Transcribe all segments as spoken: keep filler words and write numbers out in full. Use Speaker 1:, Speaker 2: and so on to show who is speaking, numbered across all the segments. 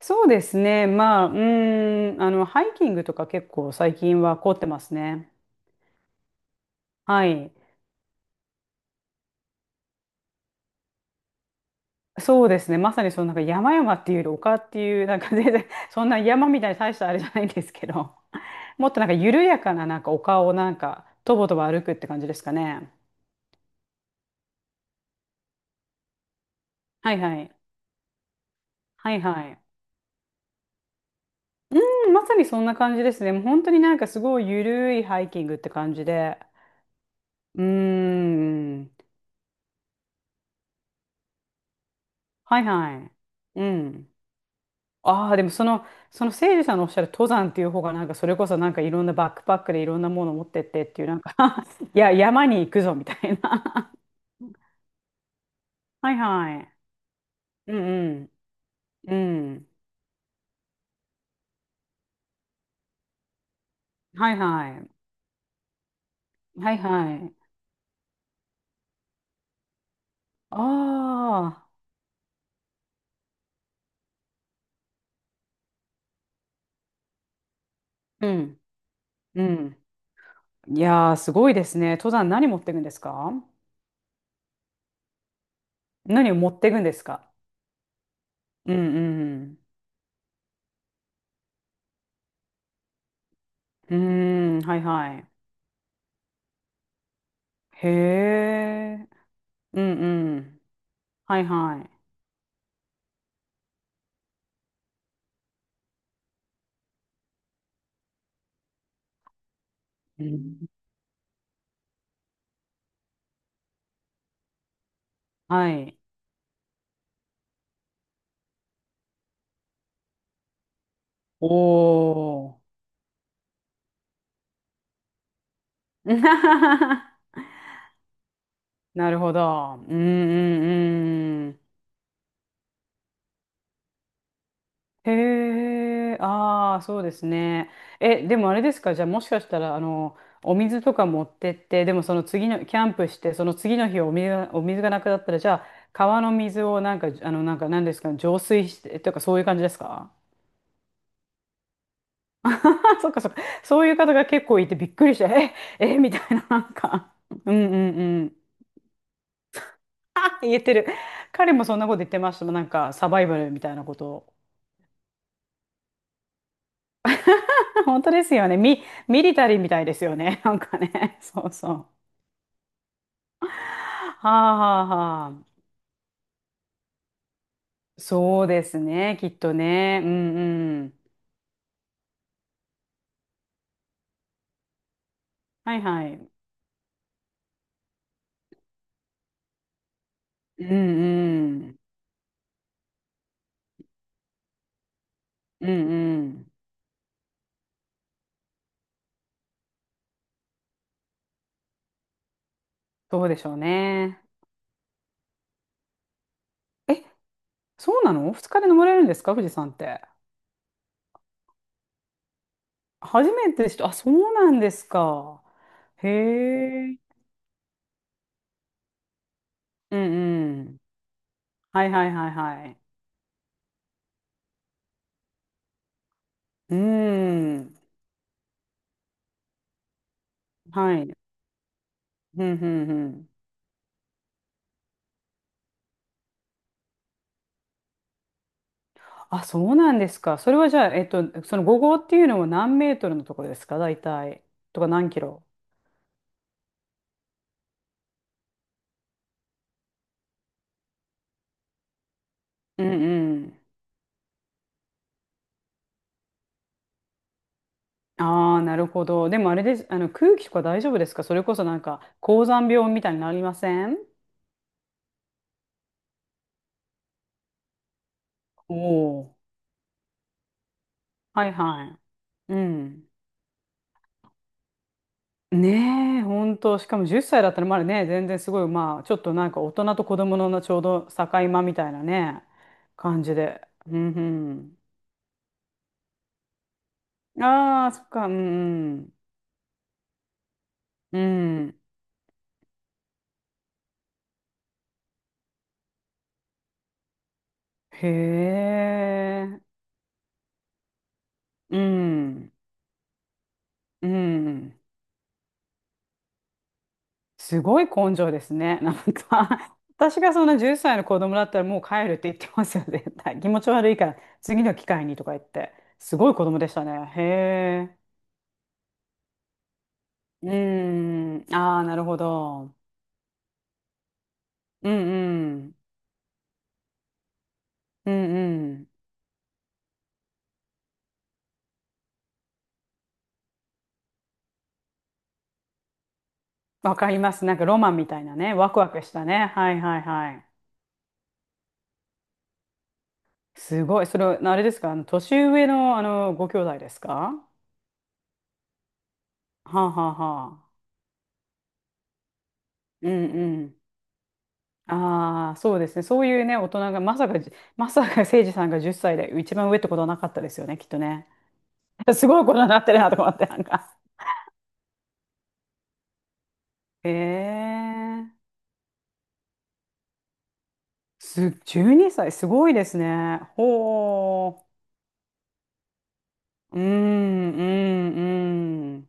Speaker 1: そうですね。まあ、うーん、あの、ハイキングとか結構最近は凝ってますね。はい。そうですね。まさにそのなんか山々っていうより丘っていう、なんか全然、そんな山みたいに大したあれじゃないんですけど、もっとなんか緩やかななんか丘をなんか、とぼとぼ歩くって感じですかね。はいはい。はいはい。うん、まさにそんな感じですね。もう本当になんかすごい緩いハイキングって感じで。うーん。はいはい。うん。ああ、でもその、その聖司さんのおっしゃる登山っていう方がなんかそれこそなんかいろんなバックパックでいろんなもの持ってってっていうなんか いや、山に行くぞみたいな。 はいはい。うんうん。うん。はいはい。はいはい。ああ。うん。うん。いやー、すごいですね。登山何持っていくんですか？何を持っていくんですか？うんうん。うーん。はいはい。へえ。うんうん。はいはい。うん。はい。おお。なるほど。うんうんうん。へえ、ああ、そうですね。え、でもあれですか、じゃあもしかしたら、あの、お水とか持ってって、でもその次の、キャンプして、その次の日お水が、お水がなくなったら、じゃあ、川の水をなんか、あの、なんか、なんですか、浄水して、とか、そういう感じですか？ そっかそっか。そういう方が結構いてびっくりして、え、え、みたいな、なんか。うんうん。 あ言ってる。彼もそんなこと言ってましたもん。なんか、サバイバルみたいなことを。本当ですよね。ミ、ミリタリーみたいですよね。なんかね。そうそう。はあはあはあ。そうですね。きっとね。うんうん。はいはい。うんうん。うんうん。そうでしょうね。え、そうなの？二日で登れるんですか富士山って。初めてでした。あ、そうなんですか。へえ。うんうん。はいはいはいはい。うん。はい。うん、うん、うん。あ、そうなんですか。それはじゃあ、えっと、そのご号っていうのは何メートルのところですか、大体。とか何キロ。うんうん。ああ、なるほど。でもあれです。あの、空気とか大丈夫ですか？それこそなんか、高山病みたいになりません？おおー。はいはい。うん。ねえ、ほんと。しかもじゅっさいだったらまだね、全然すごい、まあ、ちょっとなんか大人と子供のちょうど境間みたいなね、感じで。うんうん。ああ、そっか、うんうん。うん。へえ。うん。うん。すごい根性ですね。なんか 私がそんなじゅっさいの子供だったらもう帰るって言ってますよ、絶対。気持ち悪いから、次の機会にとか言って。すごい子供でしたね。へえ。うん。ああ、なるほど。うんうん。うんうん。わかります。なんかロマンみたいなね。ワクワクしたね。はいはいはい。すごい。それ、あれですか？あの、年上の、あの、ご兄弟ですか？はあはあは、うんうん。ああ、そうですね。そういうね、大人が、まさかじ、まさか誠司さんがじゅっさいで一番上ってことはなかったですよね、きっとね。すごいことになってるなと思って、なんか。ええーす、じゅうにさい、すごいですね。ほう。うん、うん、うん。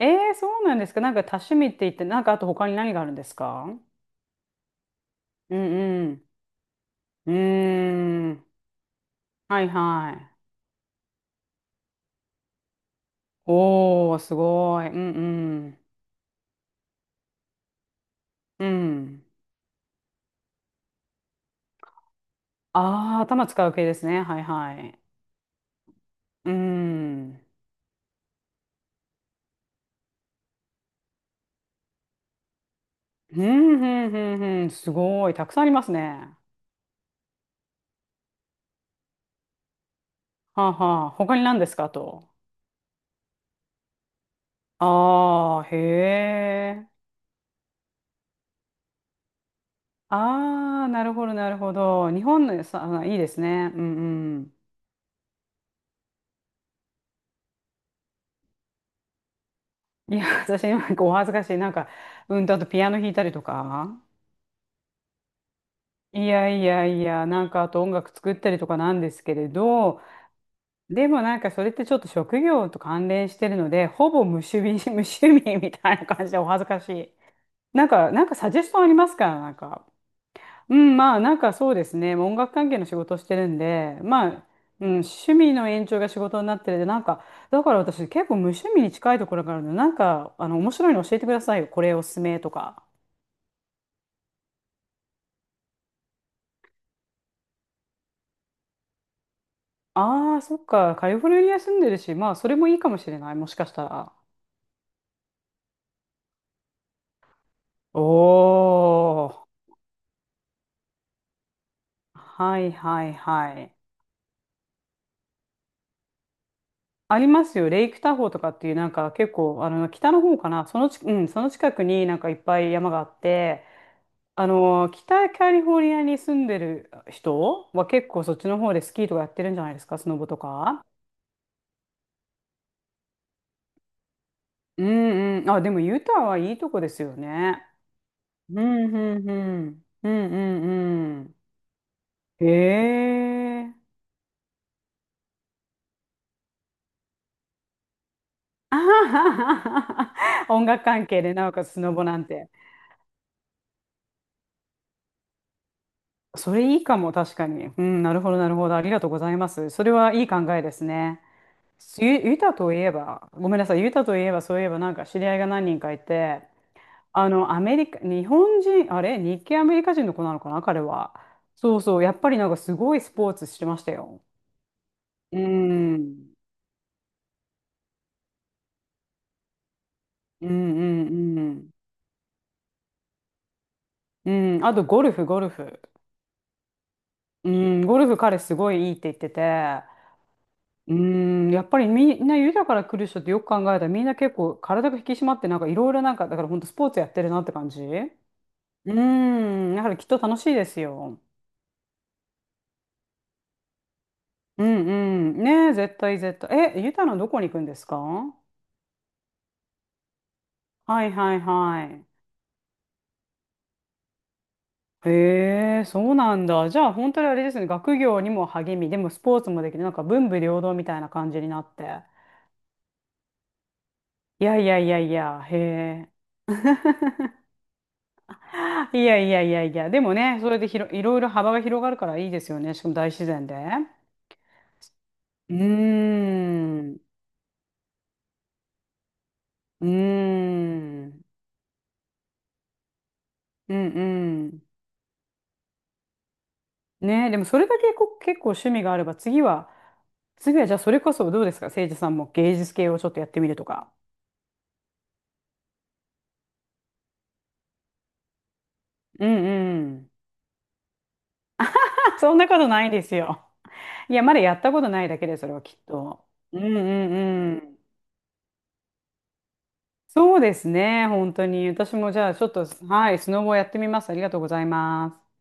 Speaker 1: ええ、そうなんですか？なんか多趣味って言って、なんかあと他に何があるんですか？うんうん。うーん。はいはい。おー、すごい。うんうん。うん。ああ、頭使う系ですね。はいはい。うーん。ふんふんふんふん。すごい。たくさんありますね。はあ、はあ。他に何ですかと。ああ、へえ。ああ、なるほど、なるほど。日本のさ、あいいですね。うんうん。いや、私、なんかお恥ずかしい。なんか、うんと、あとピアノ弾いたりとか。いやいやいや、なんかあと音楽作ったりとかなんですけれど、でもなんかそれってちょっと職業と関連してるので、ほぼ無趣味、無趣味みたいな感じでお恥ずかしい。なんか、なんかサジェストありますか？なんか。うん、まあなんかそうですね。もう音楽関係の仕事をしてるんで、まあ、うん、趣味の延長が仕事になってるで、なんか、だから私結構無趣味に近いところがあるので、なんか、あの、面白いの教えてくださいよ。これおすすめとか。ああ、そっか。カリフォルニア住んでるし、まあそれもいいかもしれない。もしかしたら。おー。はいはいはい。ありますよ。レイクタホーとかっていう、なんか結構、あの、北の方かな。そのち、うん、その近くになんかいっぱい山があって、あの、北カリフォルニアに住んでる人は結構そっちの方でスキーとかやってるんじゃないですか、スノボとか。うんうん。あ、でもユタはいいとこですよね。うんうんうん。うんうんうん。へえ。あはははは、音楽関係で、なおかつスノボなんて。それいいかも、確かに。うん、なるほど、なるほど。ありがとうございます。それはいい考えですね。ユ、ユタといえば、ごめんなさい、ユタといえば、そういえば、なんか知り合いが何人かいて、あの、アメリカ、日本人、あれ、日系アメリカ人の子なのかな、彼は。そうそう、やっぱりなんかすごいスポーツしてましたよ。うん、うん、うん、うん。うん、あとゴルフ、ゴルフ。うん、ゴルフ彼すごいいいって言ってて、うーん、やっぱりみんな豊から来る人ってよく考えたらみんな結構体が引き締まってなんかいろいろなんかだから本当スポーツやってるなって感じ、うーん、だからきっと楽しいですよ。うんうん。ねえ、絶対絶対。え、ゆたのどこに行くんですか？はいはいはい。へえ、そうなんだ。じゃあ本当にあれですね、学業にも励み、でもスポーツもできる、なんか文武両道みたいな感じになって。いやいやいやいや、へえ。いやいやいやいや、でもね、それでひろ、いろいろ幅が広がるからいいですよね。しかも大自然で。うーん、うーん、うんうん。ねえ、でもそれだけこ結構趣味があれば、次は、次はじゃあそれこそどうですか、誠治さんも芸術系をちょっとやってみるとか。うんうん。そんなことないですよ。いや、まだやったことないだけで、それはきっと。うんうんうん。そうですね、本当に。私もじゃあちょっと、はい、スノボやってみます。ありがとうございます。